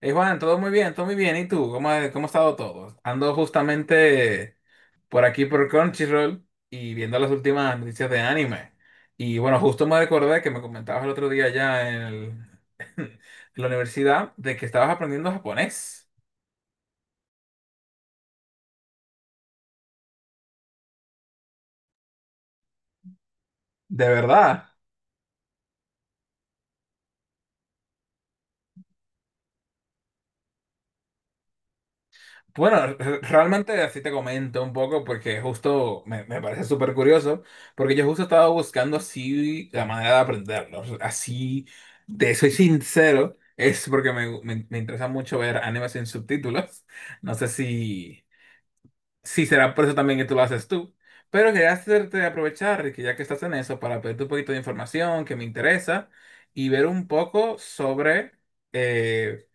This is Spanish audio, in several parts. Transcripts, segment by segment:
Hey Juan, todo muy bien, todo muy bien. ¿Y tú? ¿Cómo ha estado todo? Ando justamente por aquí por Crunchyroll y viendo las últimas noticias de anime. Y bueno, justo me recordé que me comentabas el otro día en la universidad de que estabas aprendiendo japonés. ¿De verdad? Bueno, realmente así te comento un poco porque justo me parece súper curioso, porque yo justo estaba buscando así la manera de aprenderlo. Así, te soy sincero, es porque me interesa mucho ver animes sin subtítulos. No sé si, si será por eso también que tú lo haces tú, pero quería hacerte aprovechar que ya que estás en eso para pedirte un poquito de información que me interesa y ver un poco sobre... eh,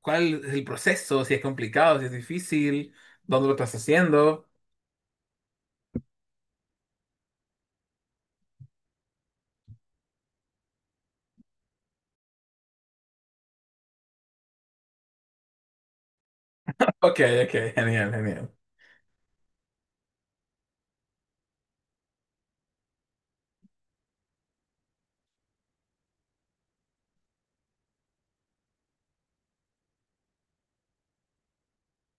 ¿Cuál es el proceso? Si es complicado, si es difícil, dónde lo estás haciendo. Ok, ok, genial, genial.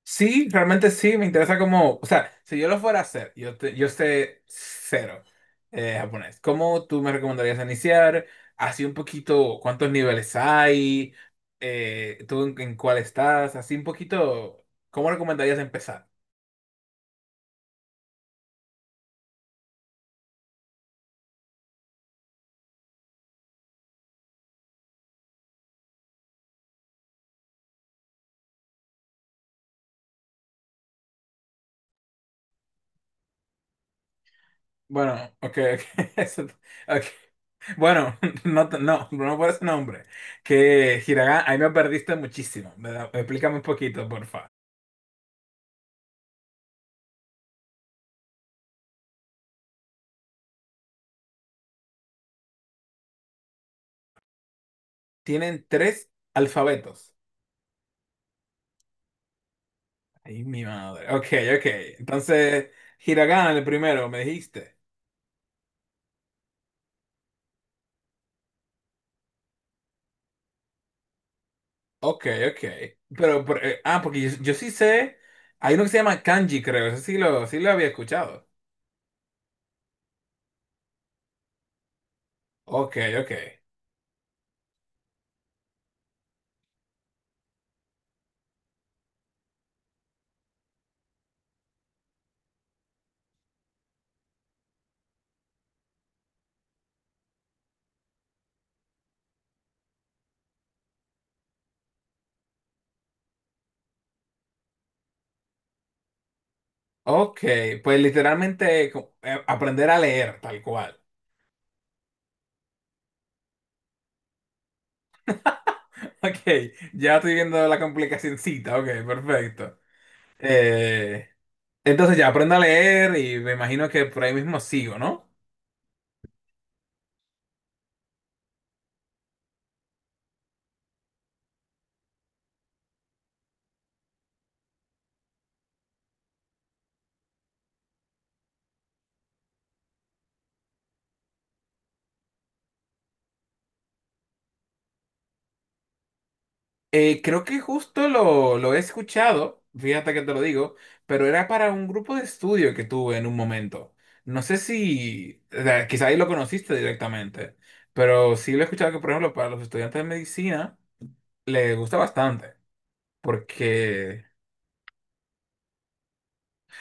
Sí, realmente sí, me interesa como, o sea, si yo lo fuera a hacer, yo sé cero japonés. ¿Cómo tú me recomendarías iniciar? Así un poquito, ¿cuántos niveles hay? ¿Tú en cuál estás? Así un poquito, ¿cómo recomendarías empezar? Bueno, ok, ok. Ok. Bueno, no, no por ese nombre. Que Hiragana, ahí me perdiste muchísimo. Explícame un poquito, porfa. Tienen tres alfabetos. Ay, mi madre. Ok, ok. Entonces, Hiragana, el primero, me dijiste. Ok, ok. Pero, porque yo sí sé. Hay uno que se llama kanji, creo. Eso sí lo había escuchado. Ok, ok. Ok, pues literalmente aprender a leer, tal cual. Ok, ya estoy viendo la complicacioncita, ok, perfecto. Eh, entonces ya aprendo a leer y me imagino que por ahí mismo sigo, ¿no? Creo que lo he escuchado, fíjate que te lo digo, pero era para un grupo de estudio que tuve en un momento. No sé si, o sea, quizá ahí lo conociste directamente, pero sí lo he escuchado que, por ejemplo, para los estudiantes de medicina les gusta bastante, porque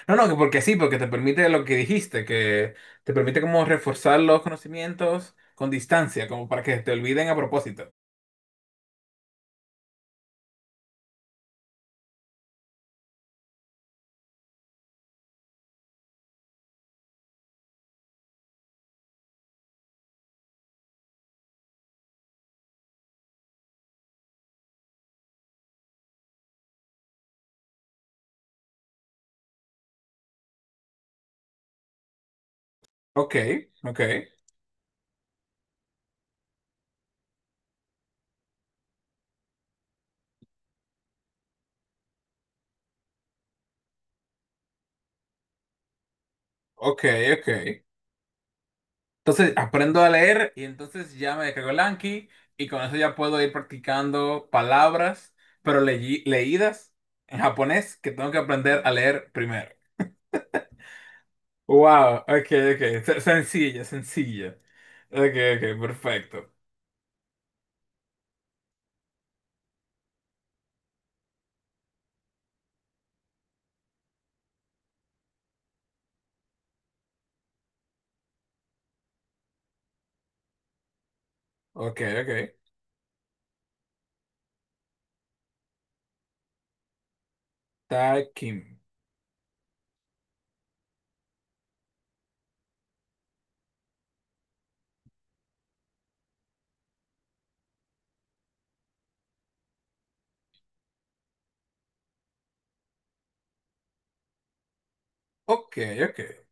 No, no, que porque sí, porque te permite lo que dijiste, que te permite como reforzar los conocimientos con distancia, como para que te olviden a propósito. Ok, ok, ok, ok. Entonces aprendo a leer y entonces ya me descargo el Anki y con eso ya puedo ir practicando palabras, pero leídas en japonés que tengo que aprender a leer primero. Wow, ok, ok. Sencilla, sencilla. Ok, ok, perfecto. Ok, ok. Takim. Ok, ok.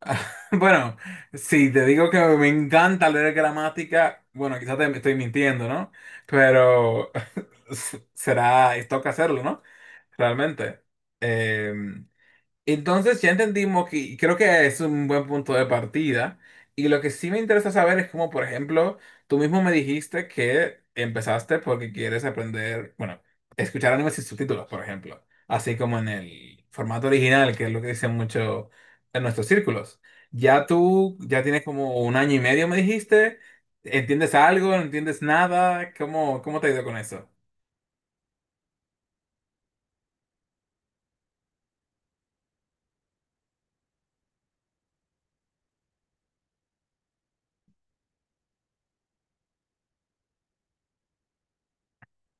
Bueno, si te digo que me encanta leer gramática, bueno, quizás te estoy mintiendo, ¿no? Pero toca hacerlo, ¿no? Realmente. em, entonces ya entendimos que y creo que es un buen punto de partida. Y lo que sí me interesa saber es cómo, por ejemplo, tú mismo me dijiste que empezaste porque quieres aprender, bueno, escuchar animes sin subtítulos, por ejemplo. Así como en el formato original, que es lo que dicen mucho en nuestros círculos. Ya tienes como 1 año y medio, me dijiste. ¿Entiendes algo? ¿No entiendes nada? ¿Cómo te ha ido con eso?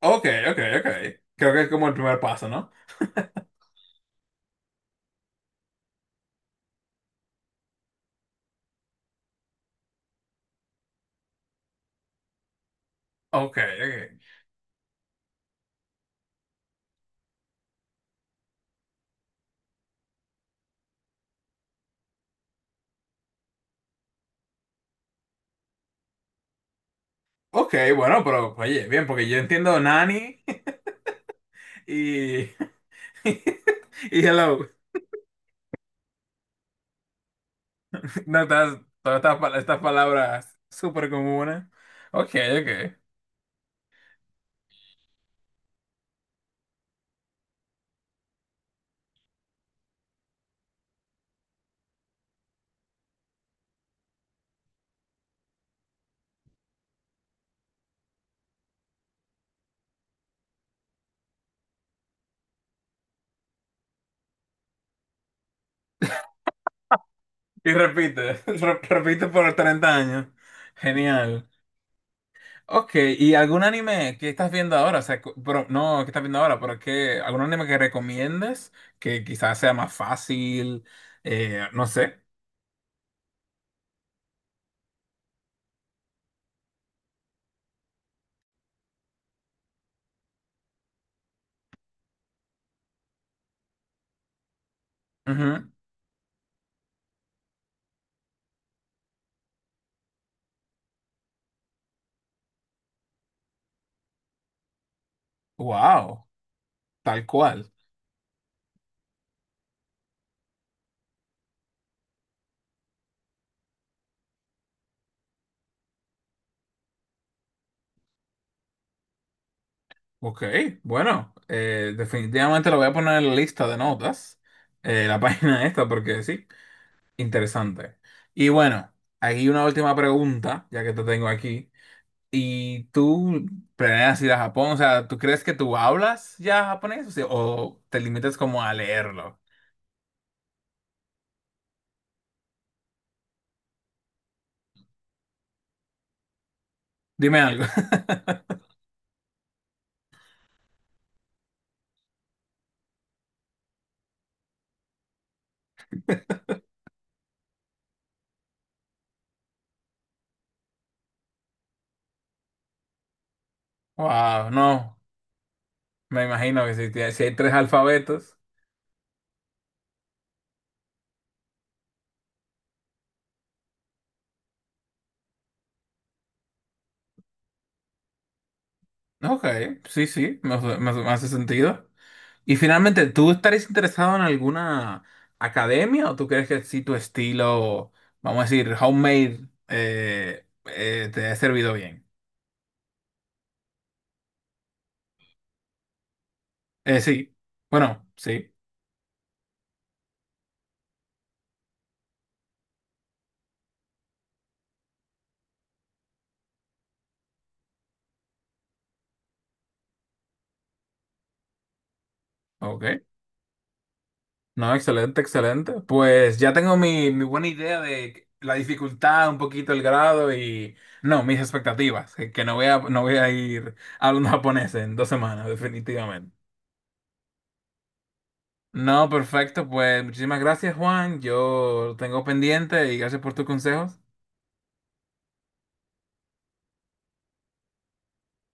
Ok, ok, ok. Creo que es como el primer paso, ¿no? Ok, ok. Ok, bueno, pero oye, bien, porque yo entiendo Nani y, y Hello. No, estás, todas estas, estas palabras súper comunes. Ok, ok. Y repite, repite por 30 años. Genial. Ok, ¿y algún anime que estás viendo ahora? O sea, cu- pero, no, qué estás viendo ahora? Pero que, ¿algún anime que recomiendes? Que quizás sea más fácil, no sé. Ujú. Wow, tal cual. Ok, bueno, definitivamente lo voy a poner en la lista de notas, la página esta, porque sí, interesante. Y bueno, aquí una última pregunta, ya que te tengo aquí. ¿Y tú planeas ir a Japón? O sea, ¿tú crees que tú hablas ya japonés o te limitas como a leerlo? Dime algo. Wow, no, me imagino que si, si hay tres alfabetos. Ok, sí, sí, me me hace sentido. Y finalmente, ¿tú estarías interesado en alguna academia o tú crees que si tu estilo, vamos a decir, homemade, te ha servido bien? Sí, bueno, sí, ok. No, excelente, excelente. Pues ya tengo mi buena idea de la dificultad, un poquito el grado y, no, mis expectativas, que no voy a ir hablando japonés en 2 semanas, definitivamente. No, perfecto, pues muchísimas gracias, Juan. Yo lo tengo pendiente y gracias por tus consejos.